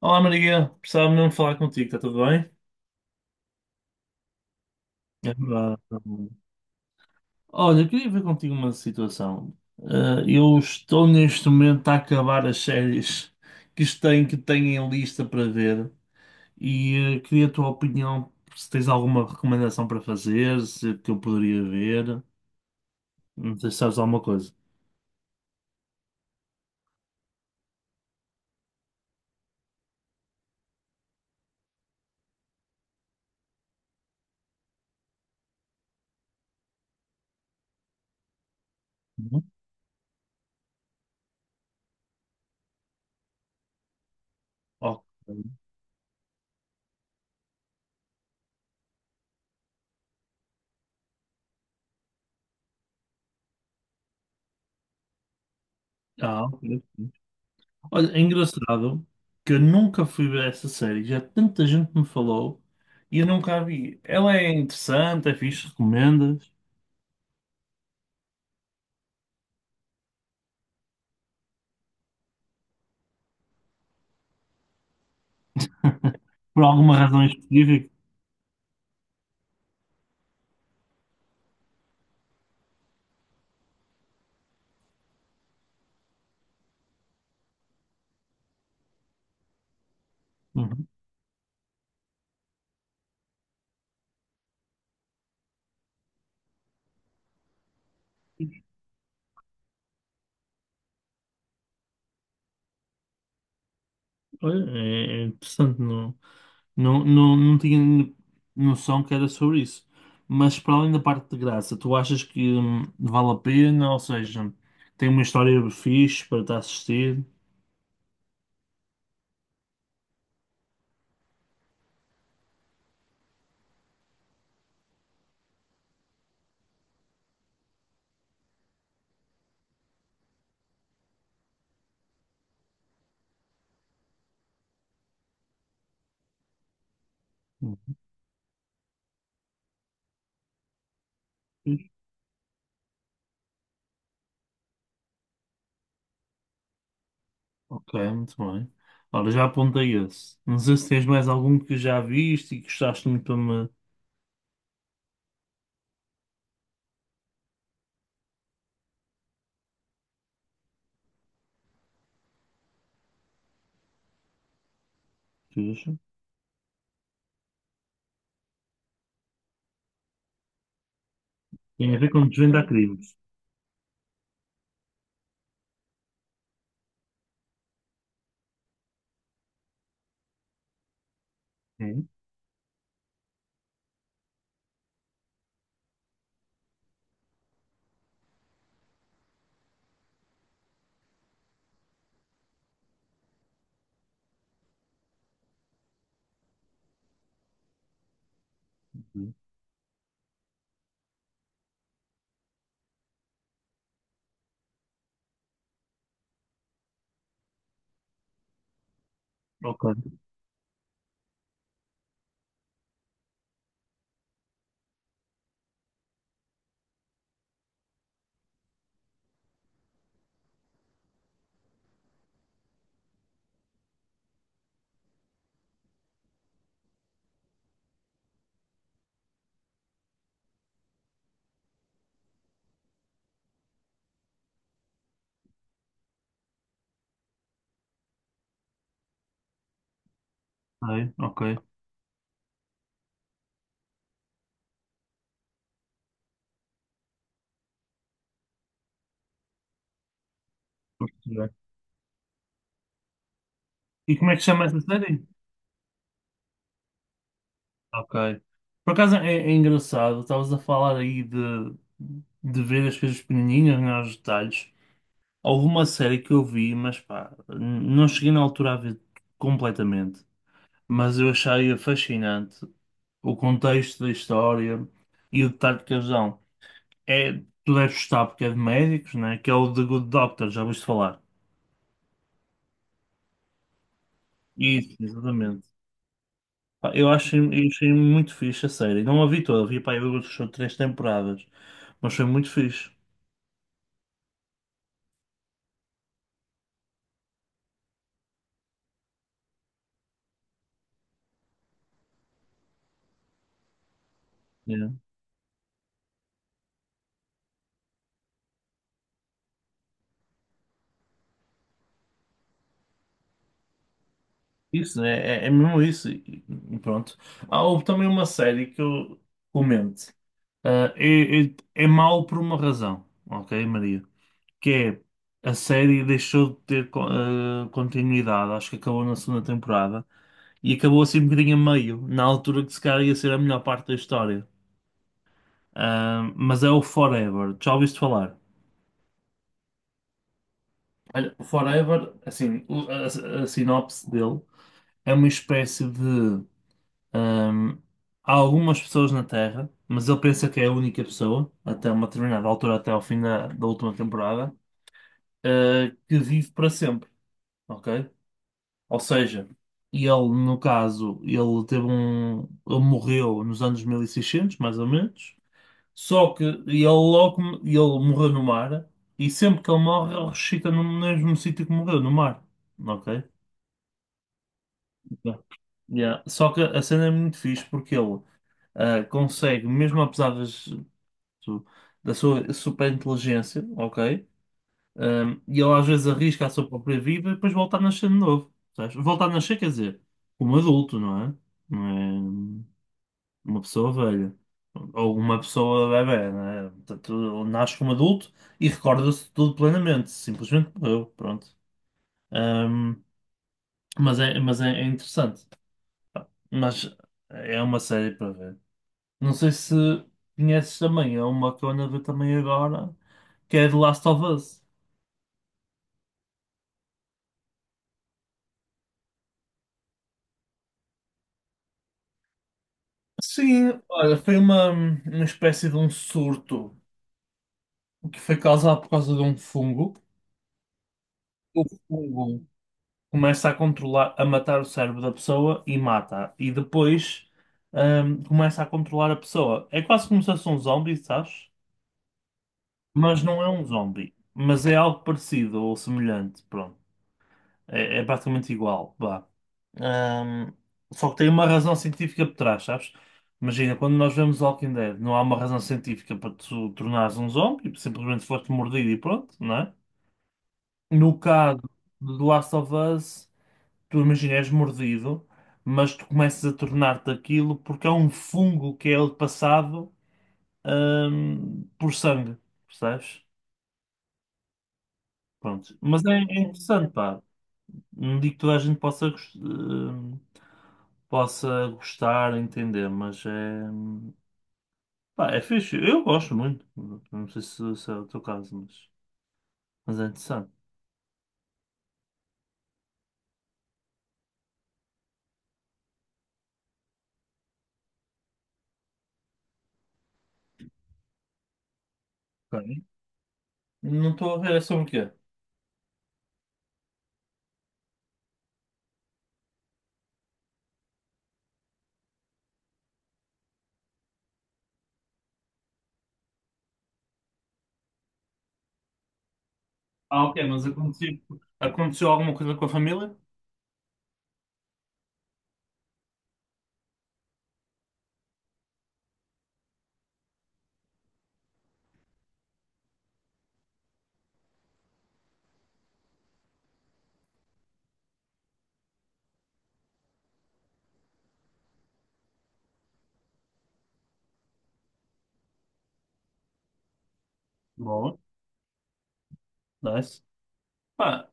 Olá Maria, precisava mesmo falar contigo, está tudo bem? É verdade, está bom. Olha, eu queria ver contigo uma situação. Eu estou neste momento a acabar as séries que têm em lista para ver e queria a tua opinião, se tens alguma recomendação para fazer, se que eu poderia ver, não sei se sabes alguma coisa. Não? Ok. Ah, ok. Olha, é engraçado que eu nunca fui ver essa série. Já tanta gente me falou e eu nunca a vi. Ela é interessante, é fixe, recomendas? Por alguma razão específica? Uhum. Olha, é interessante, não tinha noção que era sobre isso. Mas para além da parte de graça, tu achas que vale a pena? Ou seja, tem uma história fixe para te assistir? Ok, muito bem. Ora, já apontei esse. Não sei se tens mais algum que já viste e que gostaste muito para me. Veja. Tem a ver com desvendar, hum, crimes. É? Ok, ok. Percebi. E como é que chama essa série? Ok. Por acaso é engraçado, estavas a falar aí de ver as coisas pequenininhas, né, os detalhes. Houve uma série que eu vi, mas pá, não cheguei na altura a ver completamente. Mas eu achei fascinante o contexto da história e o detalhe de casão. É, tu deves gostar porque é de médicos, né? Que é o The Good Doctor, já ouviste falar? Isso, exatamente. Pá, eu achei muito fixe a série. Não a vi toda, vi pá, eu acho 3 temporadas, mas foi muito fixe. Yeah. Isso, é mesmo isso. E pronto. Há houve também uma série que eu comento. Ah, é mau por uma razão, ok, Maria? Que é a série deixou de ter continuidade, acho que acabou na segunda temporada e acabou assim um bocadinho a meio, na altura que se calhar ia ser a melhor parte da história. Ah, mas é o Forever, já ouviste falar? Olha, o Forever, assim, a sinopse dele é uma espécie de. ahm, Há algumas pessoas na Terra, mas ele pensa que é a única pessoa, até uma determinada altura, até ao fim da última temporada, ah, que vive para sempre, ok? Ou seja, ele, no caso, ele teve um. Ele morreu nos anos 1600 mais ou menos. Só que ele logo. Ele morreu no mar. E sempre que ele morre, ele ressuscita no mesmo sítio que morreu, no mar. Ok? Yeah. Yeah. Só que a cena é muito fixe porque ele ah, consegue, mesmo apesar do- da sua super inteligência, ok? Um, e ele às vezes arrisca a sua própria vida e depois volta a nascer de novo. Sabes? Volta a nascer, quer dizer, como adulto, não é? Não é uma pessoa velha. Ou uma pessoa bebé, não é? Portanto, ele nasce como adulto e recorda-se de tudo plenamente. Simplesmente morreu, pronto. Um, é interessante. Mas é uma série para ver. Não sei se conheces também, é uma que eu ando a ver também agora, que é The Last of Us. Sim, olha, foi uma espécie de um surto que foi causado por causa de um fungo. O fungo começa a controlar, a matar o cérebro da pessoa e mata. E depois, começa a controlar a pessoa. É quase como se fosse um zombie, sabes? Mas não é um zombie. Mas é algo parecido ou semelhante. Pronto. É, é praticamente igual, vá. Ahm, Só que tem uma razão científica por trás, sabes? Imagina, quando nós vemos Walking Dead, não há uma razão científica para tu tornares um zombie, simplesmente foste mordido e pronto, não é? No caso do Last of Us, tu imagina, és mordido, mas tu começas a tornar-te aquilo porque é um fungo que é ele passado, por sangue, percebes? Pronto. É interessante, pá. Não digo que toda a gente possa gostar, entender, mas é. Pá, é fixe. Eu gosto muito. Não sei se é o teu caso, mas é interessante. Ok. Não estou a ver, é sobre o quê? Ah, ok, mas aconteceu, Aconteceu alguma coisa com a família? Boa, nice. Pá,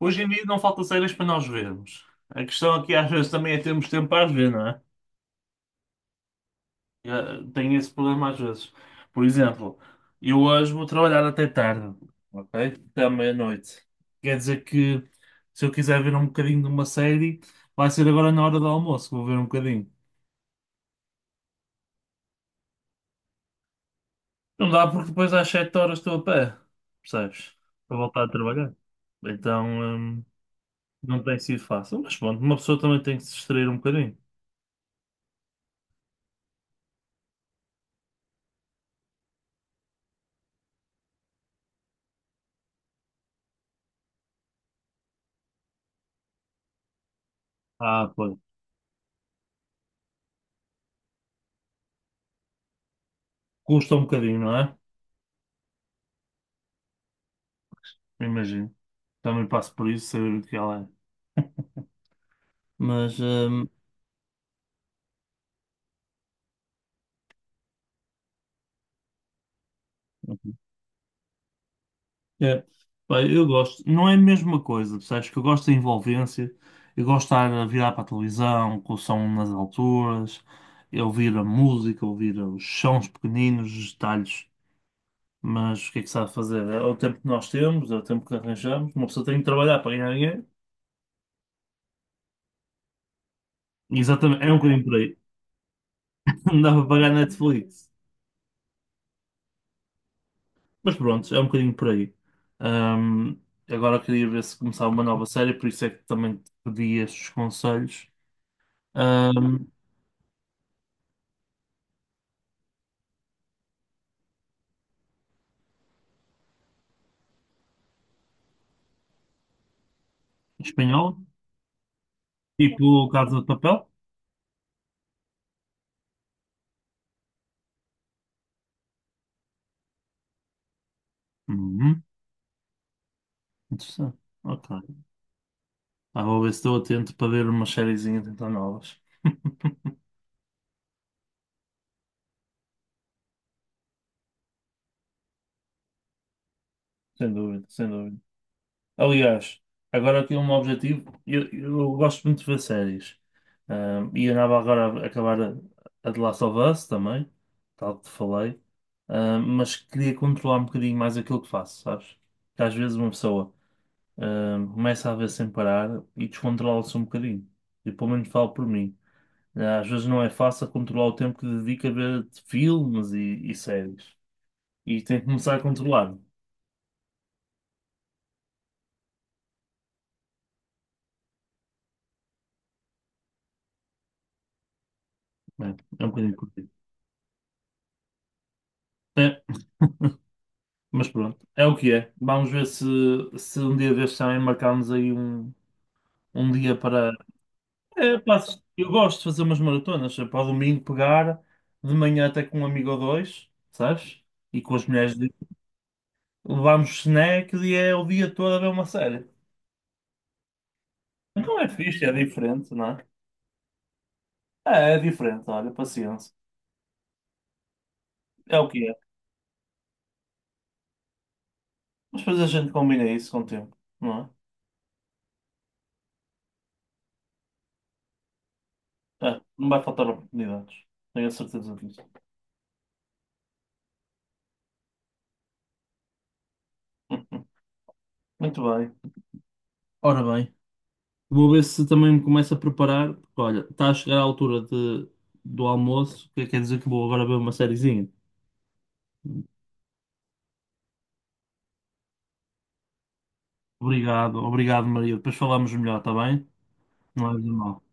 hoje em dia não falta séries para nós vermos. A questão aqui às vezes também é termos tempo para as ver, não é? Tenho esse problema às vezes. Por exemplo, eu hoje vou trabalhar até tarde, ok? Até à meia-noite. Quer dizer que se eu quiser ver um bocadinho de uma série, vai ser agora na hora do almoço que vou ver um bocadinho. Não dá porque depois às 7 horas estou a pé, percebes? Para voltar a trabalhar. Então, não tem sido fácil. Mas pronto, uma pessoa também tem que se distrair um bocadinho. Ah, pois. Custa um bocadinho, não é? Imagino. Também passo por isso, saber o que ela é. Mas, é, pá, eu gosto, não é a mesma coisa, sabes que eu gosto da envolvência, eu gosto de estar a virar para a televisão, com o som nas alturas, eu ouvir a música, ouvir os sons pequeninos, os detalhes, mas o que é que se há de fazer? É o tempo que nós temos, é o tempo que arranjamos, uma pessoa tem que trabalhar para ganhar dinheiro. Exatamente, é um bocadinho por aí, não dá para pagar Netflix, mas pronto, é um bocadinho por aí. Ahm, Agora queria ver se começava uma nova série, por isso é que também te pedi estes conselhos. Espanhol? Tipo Casa de Papel? Uhum. Interessante. Ok. Ah, vou ver se estou atento para ver umas sériezinhas então novas. Sem dúvida, sem dúvida. Aliás, agora aqui um objetivo. Eu gosto muito de ver séries. Ah, e andava agora a acabar a The Last of Us também, tal que te falei. Ah, mas queria controlar um bocadinho mais aquilo que faço, sabes? Porque às vezes uma pessoa ah, começa a ver sem parar e descontrola-se um bocadinho. E pelo menos falo por mim. Às vezes não é fácil controlar o tempo que dedica a ver filmes e séries. E tem que começar a controlar. Né? É, um bocadinho curtido. É, mas pronto, é o que é. Vamos ver se um dia destes também marcamos um dia para. É, pá, eu gosto de fazer umas maratonas. É para o domingo pegar, de manhã até com um amigo ou dois, sabes? E com as mulheres de... levamos snacks e é o dia todo a ver uma série. Não é fixe, é diferente, não é? É, é diferente, olha, paciência. É o que é. Mas depois a gente combina isso com o tempo, não é? É, não vai faltar oportunidades. Tenho a certeza disso. Muito bem. Ora bem, vou ver se também me começo a preparar. Porque, olha, está a chegar a altura de, do almoço, que quer dizer que vou agora ver uma sériezinha. Obrigado, obrigado, Maria. Depois falamos melhor, está bem? Não é de mal.